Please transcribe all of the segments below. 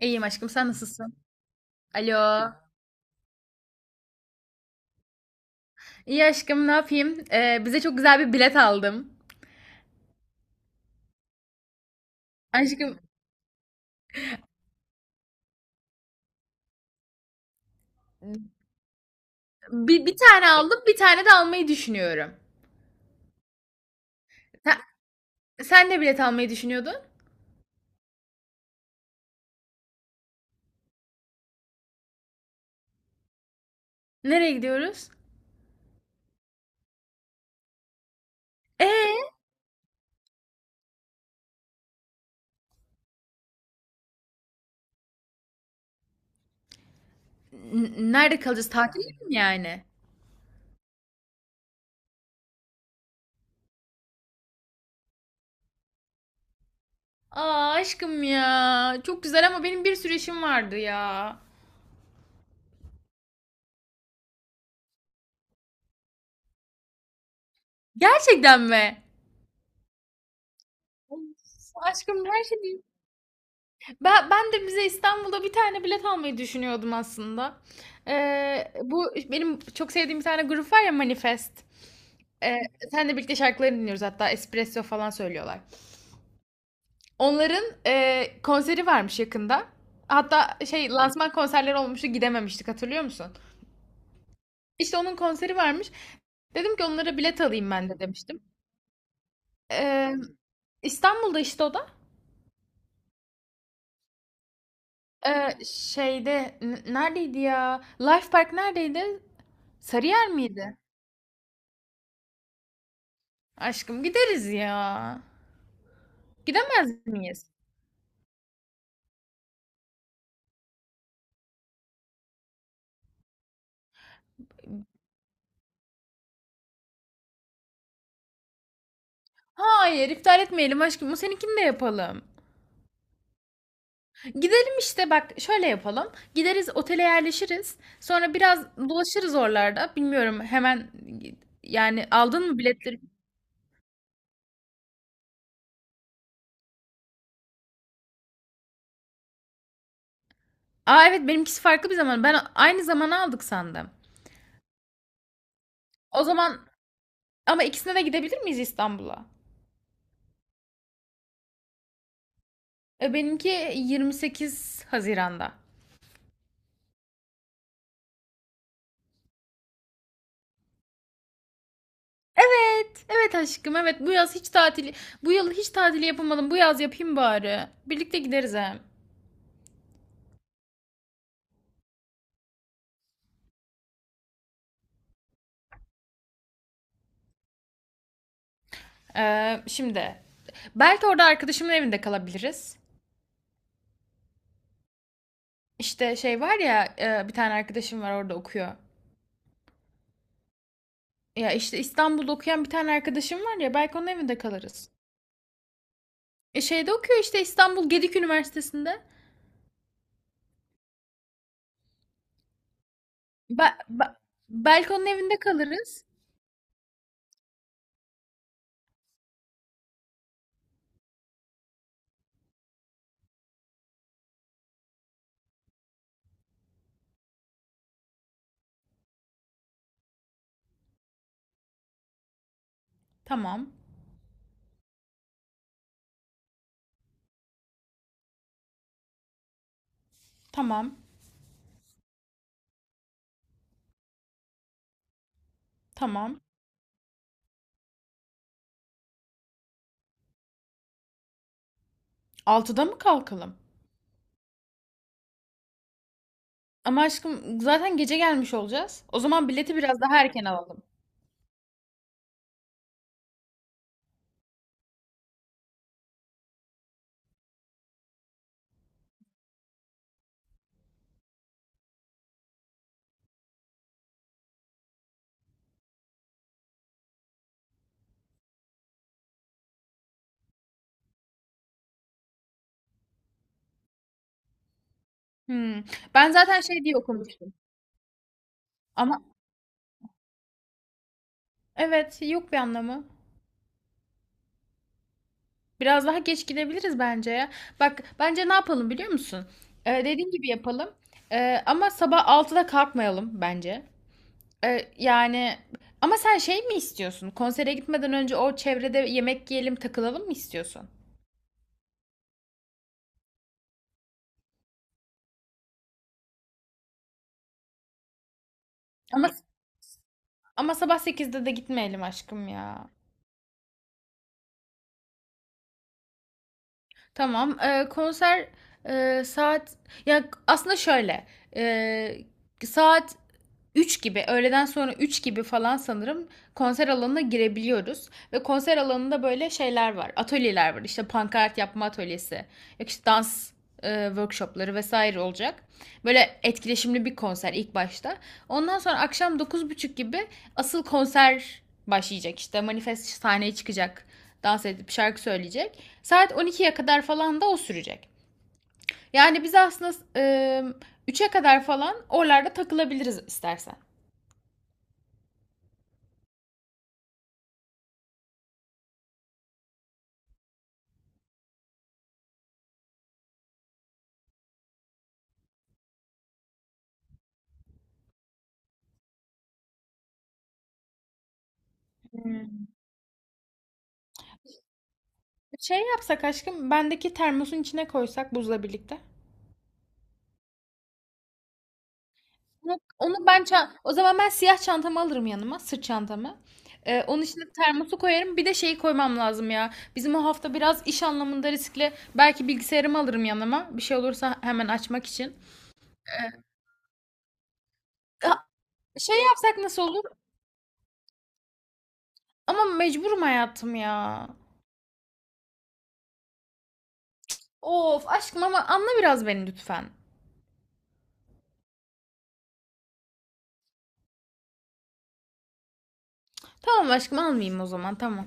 İyiyim aşkım, sen nasılsın? Alo. İyi aşkım, ne yapayım? Bize çok güzel bir bilet aldım. Aşkım, bir tane aldım, bir tane de almayı düşünüyorum. Sen, sen de bilet almayı düşünüyordun. Nereye gidiyoruz? Ee, Nerede kalacağız? Tatilde mi yani? Aa aşkım ya, çok güzel ama benim bir sürü işim vardı ya. Gerçekten mi? Of. Aşkım, her şey... Ben de bize İstanbul'da bir tane bilet almayı düşünüyordum aslında. Bu benim çok sevdiğim bir tane grup var ya, Manifest. Ee, Senle birlikte şarkılarını dinliyoruz, hatta espresso falan söylüyorlar. Onların konseri varmış yakında. Hatta lansman konserleri olmuştu, gidememiştik, hatırlıyor musun? İşte onun konseri varmış. Dedim ki onlara bilet alayım ben de demiştim. Ee, İstanbul'da işte, o da. Şeyde neredeydi ya? Life Park neredeydi? Sarıyer miydi? Aşkım gideriz ya. Gidemez miyiz? Hayır, iptal etmeyelim aşkım. Bu, seninkini de yapalım. Gidelim işte, bak şöyle yapalım. Gideriz, otele yerleşiriz. Sonra biraz dolaşırız oralarda. Bilmiyorum, hemen yani aldın mı biletleri? Aa evet, benimkisi farklı bir zaman. Ben aynı zamana aldık sandım. O zaman, ama ikisine de gidebilir miyiz İstanbul'a? Benimki 28 Haziran'da. Evet, evet aşkım, evet. Bu yaz hiç tatili, bu yıl hiç tatili yapamadım. Bu yaz yapayım bari. Birlikte gideriz hem. Şimdi, belki orada arkadaşımın evinde kalabiliriz. İşte şey var ya, bir tane arkadaşım var, orada okuyor. Ya işte, İstanbul'da okuyan bir tane arkadaşım var ya, belki onun evinde kalırız. Şeyde okuyor işte, İstanbul Gedik Üniversitesi'nde. Be- be- Belki onun evinde kalırız. Tamam, tamam, tamam. 6'da mı kalkalım? Ama aşkım, zaten gece gelmiş olacağız. O zaman bileti biraz daha erken alalım. Hmm. Ben zaten şey diye okumuştum. Ama evet, yok bir anlamı. Biraz daha geç gidebiliriz bence ya. Bak, bence ne yapalım biliyor musun? Dediğim gibi yapalım. Ama sabah 6'da kalkmayalım bence. Yani ama sen şey mi istiyorsun? Konsere gitmeden önce o çevrede yemek yiyelim, takılalım mı istiyorsun? Ama ama sabah 8'de de gitmeyelim aşkım ya. Tamam. Konser, saat, ya aslında şöyle, e, saat 3 gibi, öğleden sonra 3 gibi falan sanırım konser alanına girebiliyoruz. Ve konser alanında böyle şeyler var. Atölyeler var. İşte pankart yapma atölyesi. Yok, işte dans workshopları vesaire olacak. Böyle etkileşimli bir konser ilk başta. Ondan sonra akşam 9.30 gibi asıl konser başlayacak işte. Manifest sahneye çıkacak. Dans edip şarkı söyleyecek. Saat 12'ye kadar falan da o sürecek. Yani biz aslında 3'e kadar falan oralarda takılabiliriz istersen. Şey yapsak aşkım, bendeki termosun içine koysak buzla birlikte. O zaman ben siyah çantamı alırım yanıma, sırt çantamı. Onun içine termosu koyarım. Bir de şeyi koymam lazım ya. Bizim o hafta biraz iş anlamında riskli. Belki bilgisayarımı alırım yanıma. Bir şey olursa hemen açmak için. Ee, Ha, Şey yapsak nasıl olur? Ama mecburum hayatım ya. Of aşkım, ama anla biraz beni lütfen. Tamam aşkım, almayayım o zaman, tamam.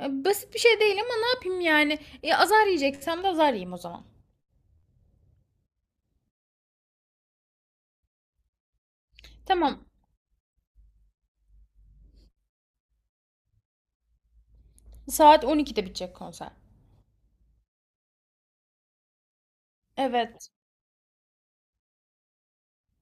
Basit bir şey değil ama ne yapayım yani? Azar yiyeceksem de azar yiyeyim o zaman. Tamam. Saat 12'de bitecek konser. Evet.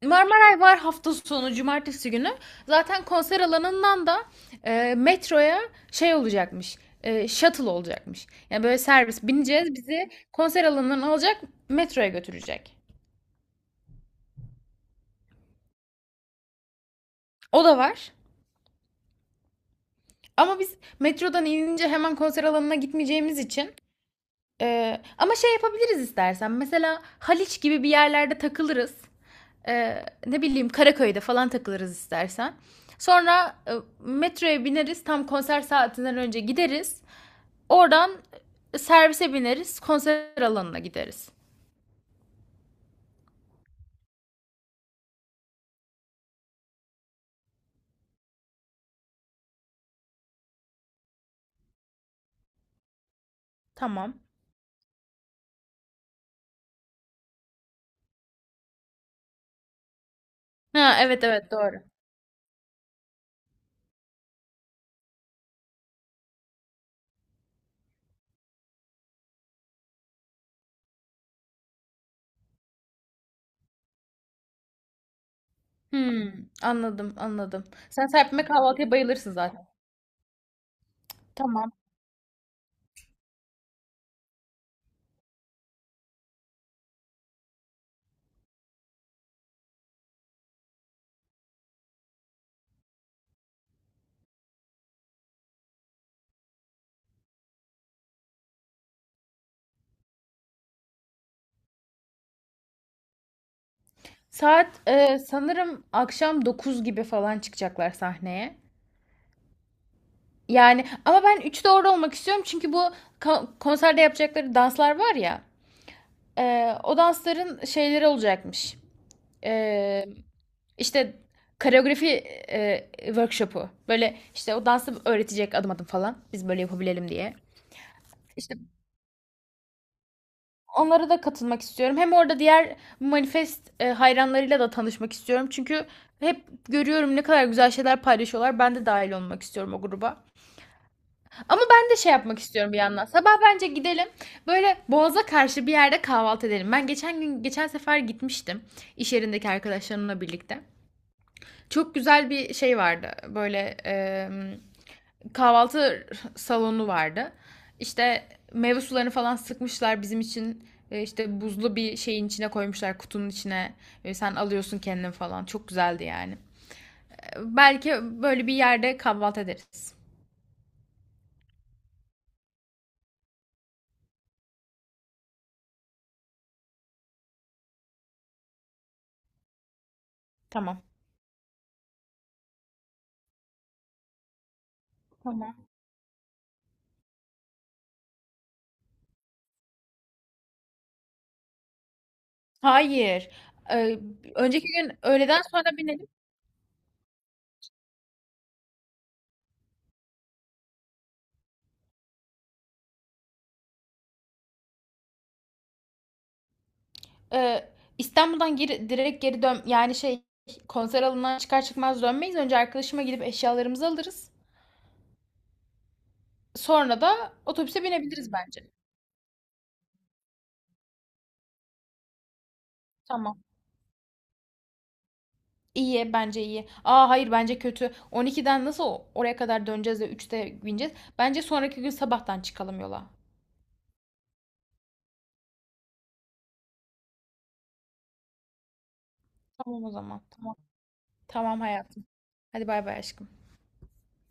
Marmaray var hafta sonu, cumartesi günü. Zaten konser alanından da metroya şey olacakmış. Shuttle olacakmış. Yani böyle servis bineceğiz, bizi konser alanından alacak, metroya götürecek. O da var. Ama biz metrodan inince hemen konser alanına gitmeyeceğimiz için. Ama şey yapabiliriz istersen. Mesela Haliç gibi bir yerlerde takılırız. Ne bileyim, Karaköy'de falan takılırız istersen. Sonra metroya bineriz. Tam konser saatinden önce gideriz. Oradan servise bineriz. Konser alanına gideriz. Tamam. Ha, evet, evet, doğru. Hmm, anladım, anladım. Sen serpme kahvaltıya bayılırsın zaten. Tamam. Saat sanırım akşam 9 gibi falan çıkacaklar sahneye. Yani ama ben 3 doğru olmak istiyorum, çünkü bu konserde yapacakları danslar var ya, o dansların şeyleri olacakmış. E, işte koreografi workshopu, böyle işte o dansı öğretecek adım adım falan, biz böyle yapabilelim diye. İşte onlara da katılmak istiyorum. Hem orada diğer Manifest hayranlarıyla da tanışmak istiyorum. Çünkü hep görüyorum ne kadar güzel şeyler paylaşıyorlar. Ben de dahil olmak istiyorum o gruba. Ama ben de şey yapmak istiyorum bir yandan. Sabah bence gidelim. Böyle Boğaz'a karşı bir yerde kahvaltı edelim. Ben geçen gün, geçen sefer gitmiştim iş yerindeki arkadaşlarımla birlikte. Çok güzel bir şey vardı. Böyle kahvaltı salonu vardı. İşte meyve sularını falan sıkmışlar bizim için. İşte buzlu bir şeyin içine koymuşlar, kutunun içine. Sen alıyorsun kendin falan. Çok güzeldi yani. Belki böyle bir yerde kahvaltı ederiz. Tamam. Tamam. Hayır. Ee, Önceki gün öğleden sonra binelim. Ee, İstanbul'dan geri, direkt geri dön yani, konser alanından çıkar çıkmaz dönmeyiz. Önce arkadaşıma gidip eşyalarımızı alırız. Sonra da otobüse binebiliriz bence. Tamam. İyi, bence iyi. Aa hayır, bence kötü. 12'den nasıl oraya kadar döneceğiz de 3'te bineceğiz. Bence sonraki gün sabahtan çıkalım yola. Tamam o zaman. Tamam. Tamam hayatım. Hadi bay bay aşkım.